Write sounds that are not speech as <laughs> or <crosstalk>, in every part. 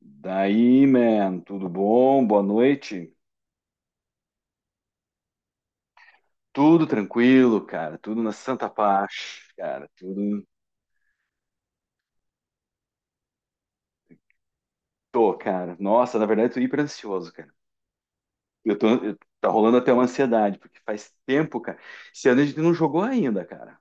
Daí, man, tudo bom? Boa noite. Tudo tranquilo, cara. Tudo na santa paz, cara. Tudo. Tô, cara. Nossa, na verdade, eu tô hiper ansioso, cara. Tá rolando até uma ansiedade, porque faz tempo, cara. Esse ano a gente não jogou ainda, cara.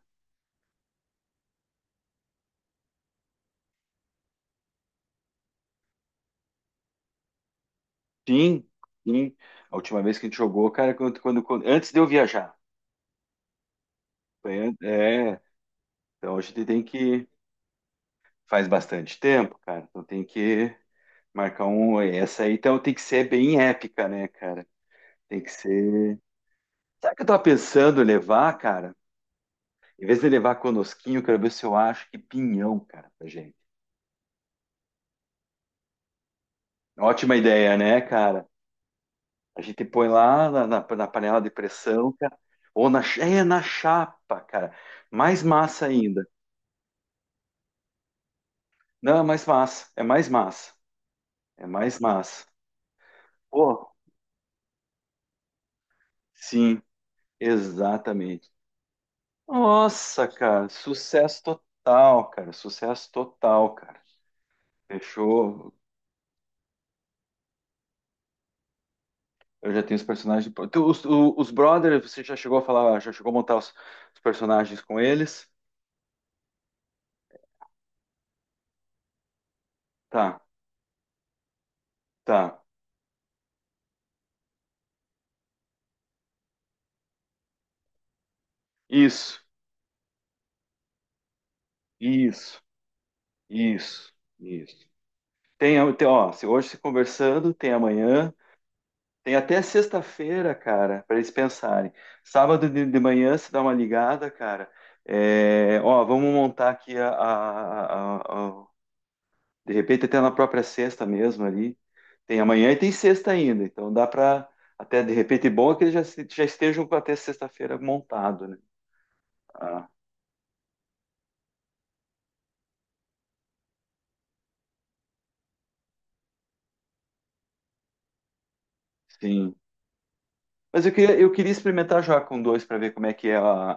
Sim, sim. A última vez que a gente jogou, cara, antes de eu viajar. É. Então a gente tem que. Faz bastante tempo, cara. Então tem que marcar um. Essa aí, então tem que ser bem épica, né, cara? Tem que ser. Sabe o que eu tava pensando em levar, cara? Em vez de levar conosquinho, eu quero ver se eu acho que pinhão, cara, pra gente. Ótima ideia, né, cara? A gente põe lá na panela de pressão, cara. Ou na chapa, cara. Mais massa ainda. Não, é mais massa. É mais massa. É mais massa. Pô, sim, exatamente. Nossa, cara, sucesso total, cara. Sucesso total, cara. Fechou. Eu já tenho os personagens. Os brothers, você já chegou a falar, já chegou a montar os personagens com eles? Tá, tá. Isso, isso, isso, isso. Tem, ó, se hoje se conversando, tem amanhã, tem até sexta-feira, cara, para eles pensarem. Sábado de manhã se dá uma ligada, cara. É, ó, vamos montar aqui a- De repente, até na própria sexta mesmo ali. Tem amanhã e tem sexta ainda. Então dá para. Até de repente, bom é que eles já, já estejam com até sexta-feira montado, né? Ah, sim. Eu queria experimentar já com dois para ver como é que é a,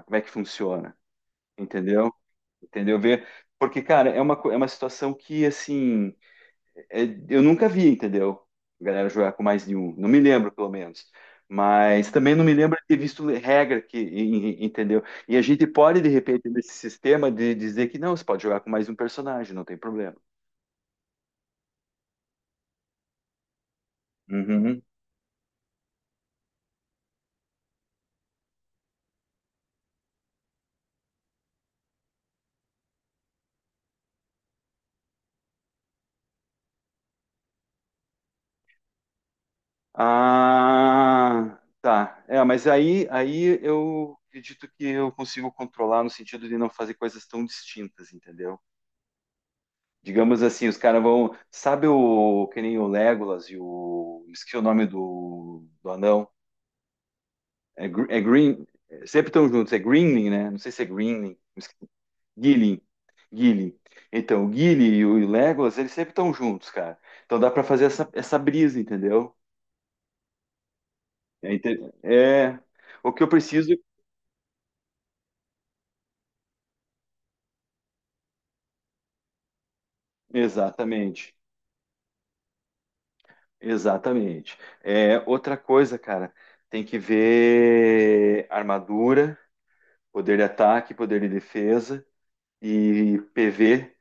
a- como é que funciona. Entendeu? Entendeu? Ver. Porque, cara, é é uma situação que, assim. É, eu nunca vi, entendeu? A galera jogar com mais de um. Não me lembro, pelo menos. Mas também não me lembro de ter visto regra que, entendeu? E a gente pode, de repente, nesse sistema, de dizer que não, você pode jogar com mais um personagem, não tem problema. Uhum. Ah, tá. É, mas aí eu acredito que eu consigo controlar no sentido de não fazer coisas tão distintas, entendeu? Digamos assim, os caras vão. Sabe o que nem o Legolas e o. Esqueci o nome do, do anão. Green. Sempre estão juntos. É Greenling, né? Não sei se é Greenling. Gilling. Gilling. Então, o Gilly e o Legolas, eles sempre estão juntos, cara. Então dá pra fazer essa, essa brisa, entendeu? É o que eu preciso. Exatamente. Exatamente. É outra coisa, cara. Tem que ver armadura, poder de ataque, poder de defesa. E PV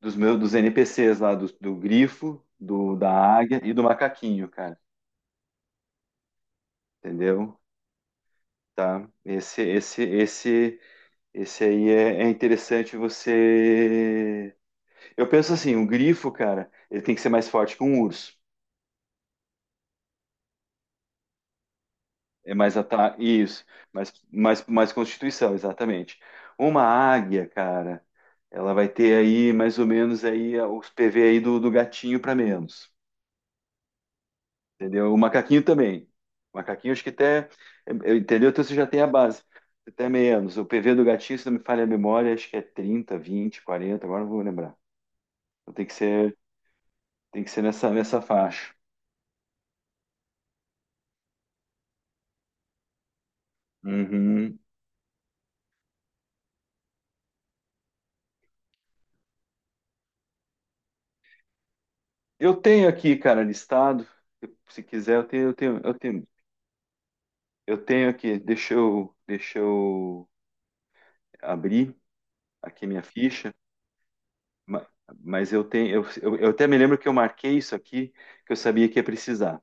dos NPCs lá, do, do grifo, do da águia e do macaquinho, cara. Entendeu? Tá? Esse aí é, é interessante você. Eu penso assim, o grifo, cara, ele tem que ser mais forte que um urso. É mais ataque, isso, mais constituição, exatamente. Uma águia, cara, ela vai ter aí mais ou menos aí os PV aí do, do gatinho para menos. Entendeu? O macaquinho também. O macaquinho, acho que até. Entendeu? Então você já tem a base. Até menos. O PV do gatinho, se não me falha a memória, acho que é 30, 20, 40. Agora não vou lembrar. Então tem que ser nessa, nessa faixa. Uhum. Eu tenho aqui, cara, listado. Se quiser, eu tenho aqui. Deixa eu abrir aqui minha ficha. Ma- Mas eu tenho, eu até me lembro que eu marquei isso aqui, que eu sabia que ia precisar.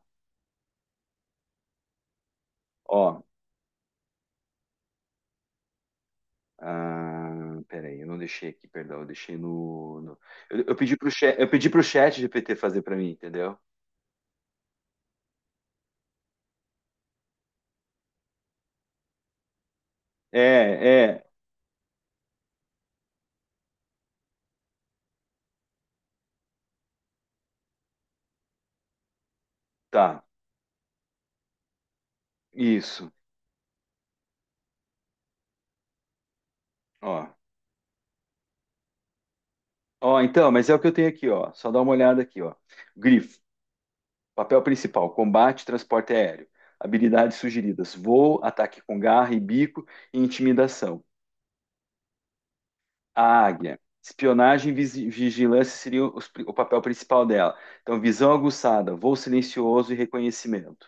Ó, Ah, peraí, eu não deixei aqui, perdão, eu deixei Eu, eu pedi pro chat GPT fazer para mim, entendeu? É, é, tá, isso. Ó, ó, então, mas é o que eu tenho aqui, ó. Só dá uma olhada aqui, ó. Grifo, papel principal, combate, transporte aéreo. Habilidades sugeridas: voo, ataque com garra e bico e intimidação. A águia, espionagem e vigilância seriam o papel principal dela. Então, visão aguçada, voo silencioso e reconhecimento.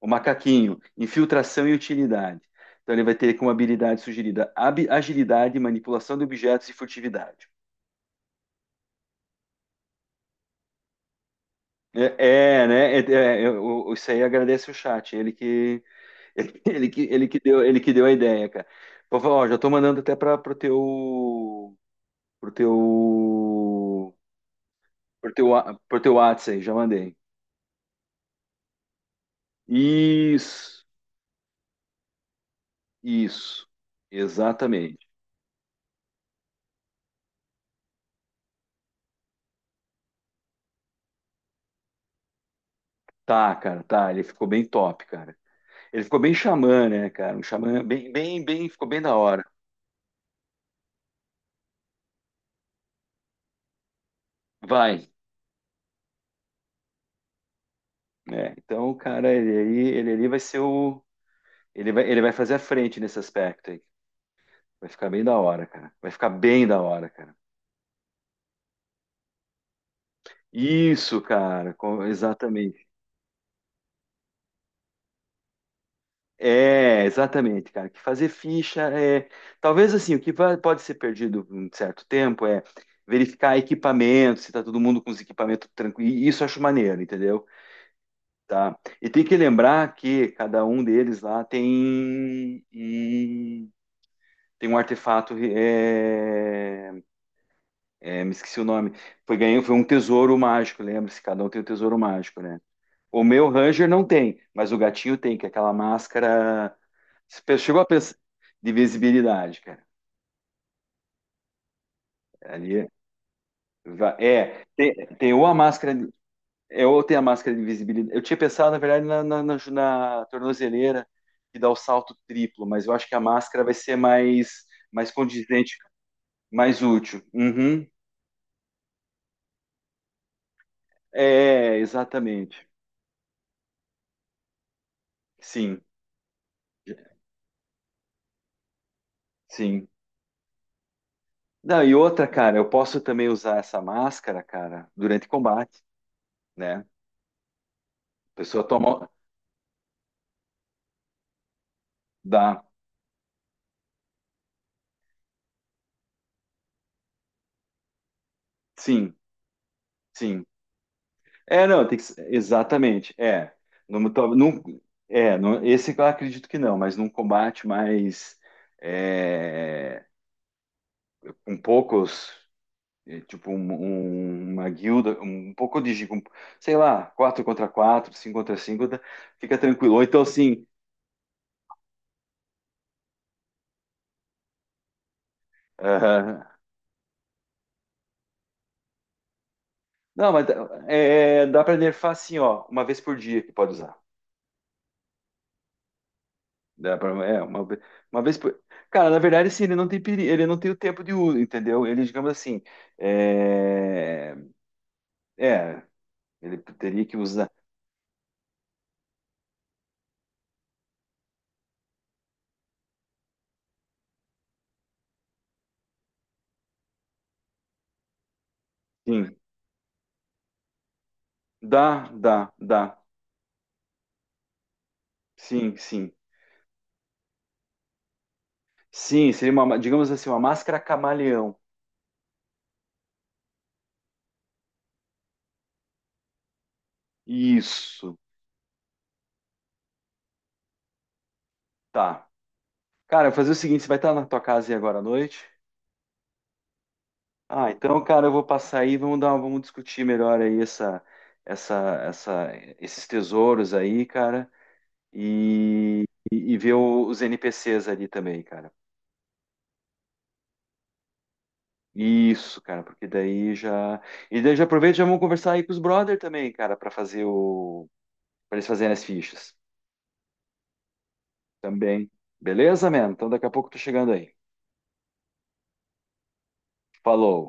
O macaquinho, infiltração e utilidade. Então ele vai ter como habilidade sugerida agilidade, manipulação de objetos e furtividade. É, isso aí agradece o chat. <laughs> Ele que deu a ideia, cara. Vou falar, ó, já tô mandando até para pro teu, pro teu, pro teu WhatsApp aí, já mandei. Isso, isso, exatamente. Tá, cara, tá. Ele ficou bem top, cara. Ele ficou bem xamã, né, cara? Um xamã bem, ficou bem da hora. Vai, né? Então, o cara, ele ali vai ser o. Ele vai fazer a frente nesse aspecto aí. Vai ficar bem da hora, cara. Vai ficar bem da hora, cara. Isso, cara, exatamente. É, exatamente, cara. Que fazer ficha é. Talvez assim, o que pode ser perdido um certo tempo é verificar equipamento, se tá todo mundo com os equipamentos tranquilos. Isso eu acho maneiro, entendeu? Tá. E tem que lembrar que cada um deles lá tem um artefato. Me esqueci o nome. Foi, ganhou, foi um tesouro mágico, lembra-se? Cada um tem um tesouro mágico, né? O meu Ranger não tem, mas o gatinho tem, que é aquela máscara. Chegou a pensar de visibilidade, cara. Ali tem ou a máscara. Eu tenho a máscara de invisibilidade. Eu tinha pensado, na verdade, na, tornozeleira que dá o salto triplo, mas eu acho que a máscara vai ser mais, mais condizente, mais útil. Uhum. É, exatamente. Sim, sim. Não, e outra, cara, eu posso também usar essa máscara, cara, durante combate, né? A pessoa toma. Dá. Sim, sim. É, não, tem que, exatamente. É, num, to- num- é, esse eu acredito que não, mas num combate mais é, com poucos, é, tipo uma guilda, um pouco de, sei lá, quatro contra quatro, cinco contra cinco, fica tranquilo. Ou então assim, aham. não, mas dá para nerfar assim, ó, uma vez por dia que pode usar. Dá pra, é, uma, ve- uma vez por. Cara, na verdade, assim, ele não tem peri, ele não tem o tempo de uso, entendeu? Ele, digamos assim, é, é, ele teria que usar. Sim, dá, dá, dá. Sim, sim. Sim, seria uma, digamos assim, uma máscara camaleão. Isso, tá. Cara, eu vou fazer o seguinte, você vai estar na tua casa aí agora à noite? Ah, então, cara, eu vou passar aí, vamos dar, vamos discutir melhor aí essa, essa, esses tesouros aí, cara. E, e ver os NPCs ali também, cara. Isso, cara, porque daí já. E daí já aproveita e já vamos conversar aí com os brother também, cara, pra fazer o. Pra eles fazerem as fichas também. Beleza, mano? Então daqui a pouco eu tô chegando aí. Falou.